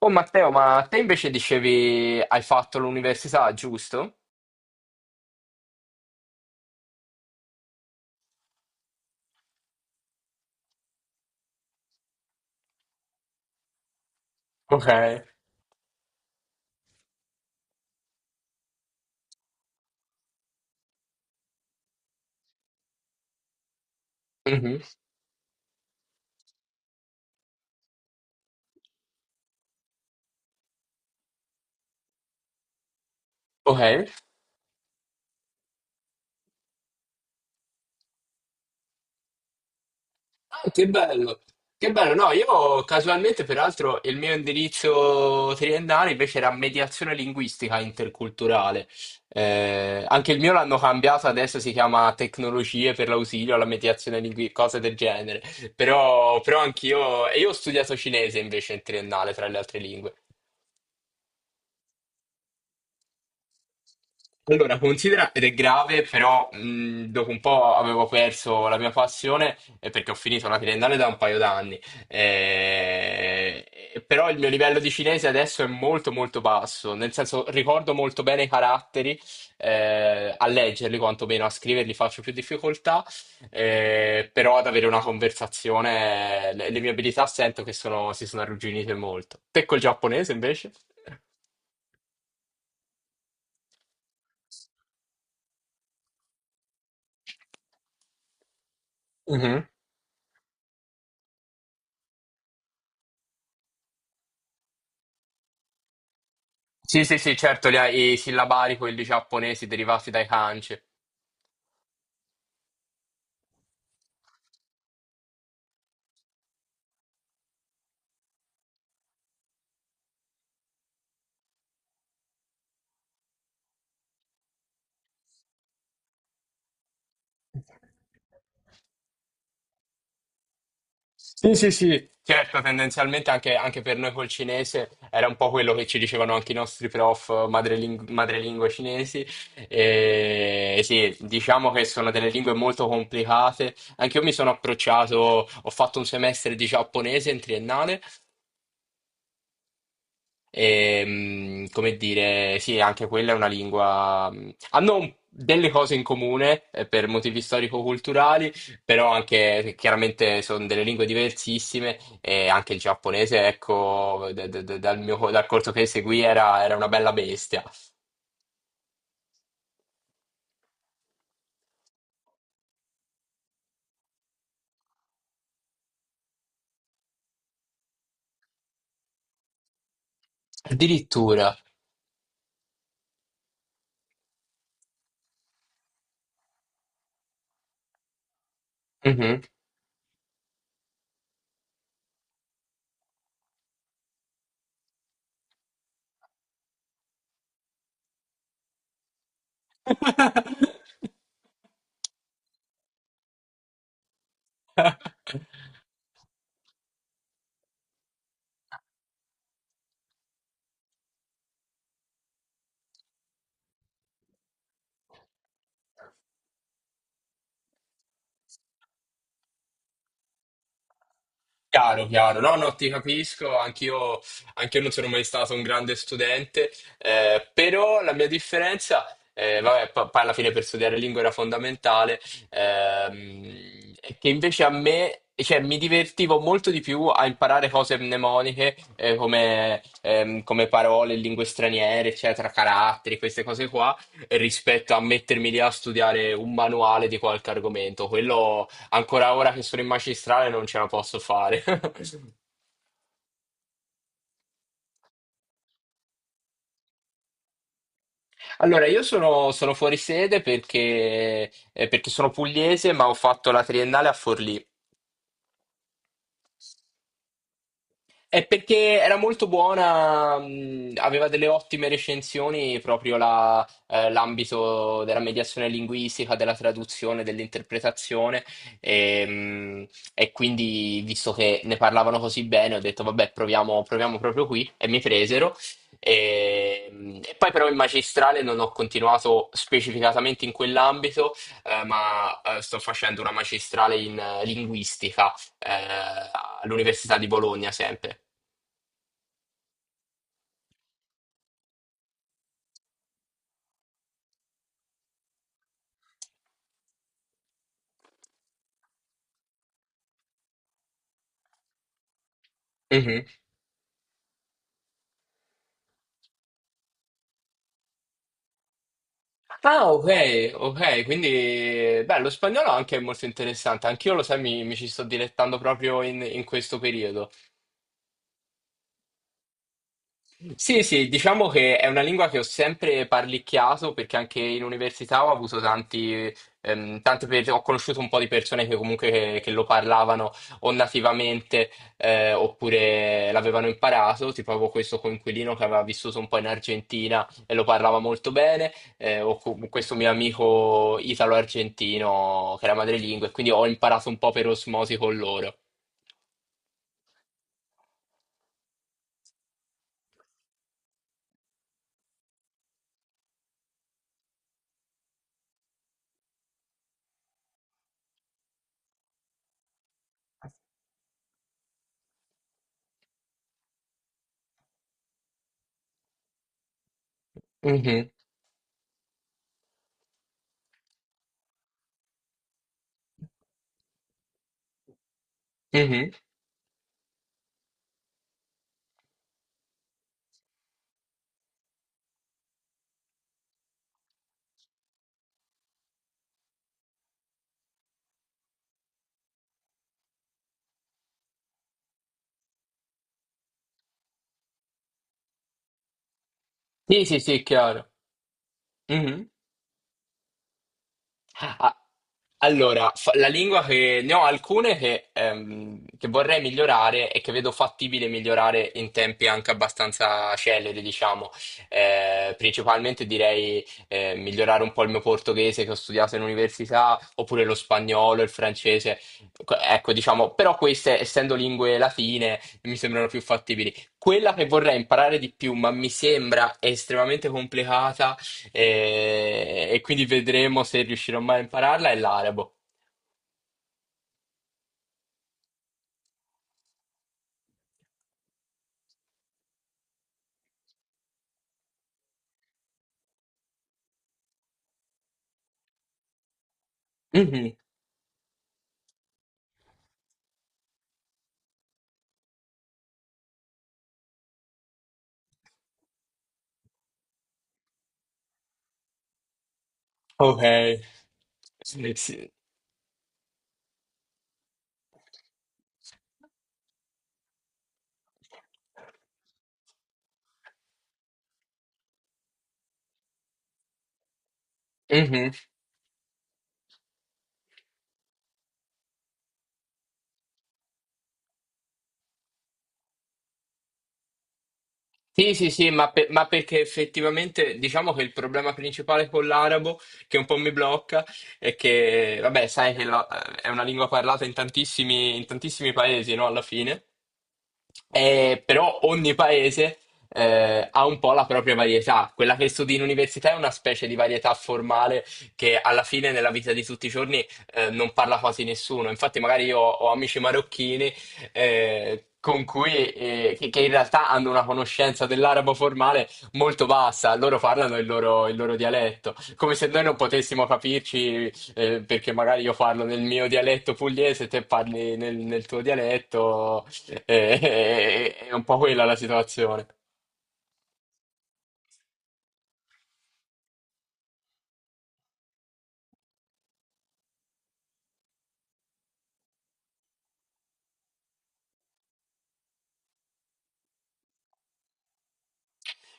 Oh Matteo, ma te invece dicevi hai fatto l'università, giusto? Ok. Mhm. Ok. Ah, che bello, che bello. No, io casualmente, peraltro, il mio indirizzo triennale invece era mediazione linguistica interculturale. Anche il mio l'hanno cambiato, adesso si chiama tecnologie per l'ausilio alla mediazione linguistica, cose del genere. Però anch'io, e io ho studiato cinese invece in triennale, tra le altre lingue. Allora, considera, ed è grave, però dopo un po' avevo perso la mia passione perché ho finito la triennale da un paio d'anni. Eh, però il mio livello di cinese adesso è molto molto basso, nel senso ricordo molto bene i caratteri, a leggerli quantomeno, a scriverli faccio più difficoltà, però ad avere una conversazione le mie abilità sento che si sono arrugginite molto. Te col giapponese invece? Mhm. Sì, sì, sì, certo, i sillabari, quelli giapponesi derivati dai kanji. Sì, sì, sì. Certo, tendenzialmente anche per noi col cinese era un po' quello che ci dicevano anche i nostri madrelingua cinesi. E sì, diciamo che sono delle lingue molto complicate. Anche io mi sono approcciato, ho fatto un semestre di giapponese in triennale. E, come dire, sì, anche quella è una lingua. Hanno delle cose in comune per motivi storico-culturali, però anche chiaramente sono delle lingue diversissime e anche il giapponese, ecco, dal corso che seguì era una bella bestia. Addirittura. Mhm. Chiaro, chiaro. No, no, ti capisco, anch'io non sono mai stato un grande studente, però la mia differenza, vabbè, poi alla fine per studiare lingua era fondamentale, è che invece a me, cioè, mi divertivo molto di più a imparare cose mnemoniche, come, come parole, lingue straniere, eccetera, caratteri, queste cose qua, rispetto a mettermi lì a studiare un manuale di qualche argomento. Quello ancora ora che sono in magistrale non ce la posso fare. Allora, sono fuori sede perché, perché sono pugliese, ma ho fatto la triennale a Forlì. È perché era molto buona, aveva delle ottime recensioni proprio l'ambito della mediazione linguistica, della traduzione, dell'interpretazione e, mh, e quindi visto che ne parlavano così bene ho detto vabbè proviamo proprio qui e mi presero e poi però in magistrale non ho continuato specificatamente in quell'ambito ma sto facendo una magistrale in linguistica eh, all'Università di Bologna sempre. Mhm. Ah, ok, ok, quindi beh, lo spagnolo anche è molto interessante, anch'io lo sai, mi ci sto dilettando proprio in questo periodo. Sì, sì, diciamo che è una lingua che ho sempre parlicchiato perché anche in università ho avuto tanti, ho conosciuto un po' di persone che comunque che lo parlavano o nativamente oppure l'avevano imparato, tipo avevo questo coinquilino che aveva vissuto un po' in Argentina e lo parlava molto bene, o questo mio amico italo-argentino che era madrelingua e quindi ho imparato un po' per osmosi con loro. Mhm, mhm. Sì, sì, sì, chiaro. Mhm. Ah, allora, la lingua che ne ho alcune che vorrei migliorare e che vedo fattibile migliorare in tempi anche abbastanza celeri, diciamo. Principalmente direi migliorare un po' il mio portoghese che ho studiato in università, oppure lo spagnolo, il francese. Ecco, diciamo, però queste, essendo lingue latine, mi sembrano più fattibili. Quella che vorrei imparare di più, ma mi sembra estremamente complicata e quindi vedremo se riuscirò mai a impararla, è l'arabo. Mhm. Ok. Sì, sì. Mhm. Sì, sì, sì, ma, ma perché effettivamente diciamo che il problema principale con l'arabo, che un po' mi blocca, è che, vabbè, sai è una lingua parlata in tantissimi paesi, no? Alla fine. Però ogni paese ha un po' la propria varietà. Quella che studi in università è una specie di varietà formale che alla fine nella vita di tutti i giorni non parla quasi nessuno. Infatti, magari io ho amici marocchini con cui, che in realtà hanno una conoscenza dell'arabo formale molto bassa. Loro parlano il loro dialetto, come se noi non potessimo capirci perché magari io parlo nel mio dialetto pugliese e te parli nel tuo dialetto. È un po' quella la situazione.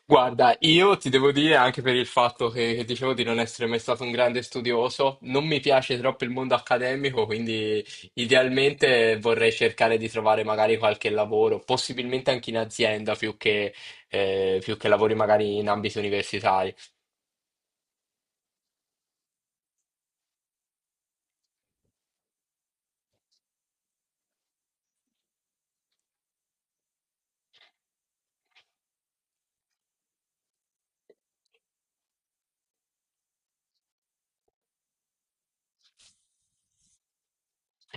Guarda, io ti devo dire anche per il fatto che dicevo di non essere mai stato un grande studioso, non mi piace troppo il mondo accademico, quindi idealmente vorrei cercare di trovare magari qualche lavoro, possibilmente anche in azienda più più che lavori magari in ambito universitario.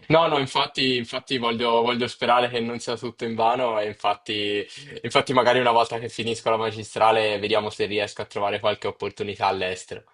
No, no, infatti, infatti voglio sperare che non sia tutto invano e infatti, infatti magari una volta che finisco la magistrale vediamo se riesco a trovare qualche opportunità all'estero.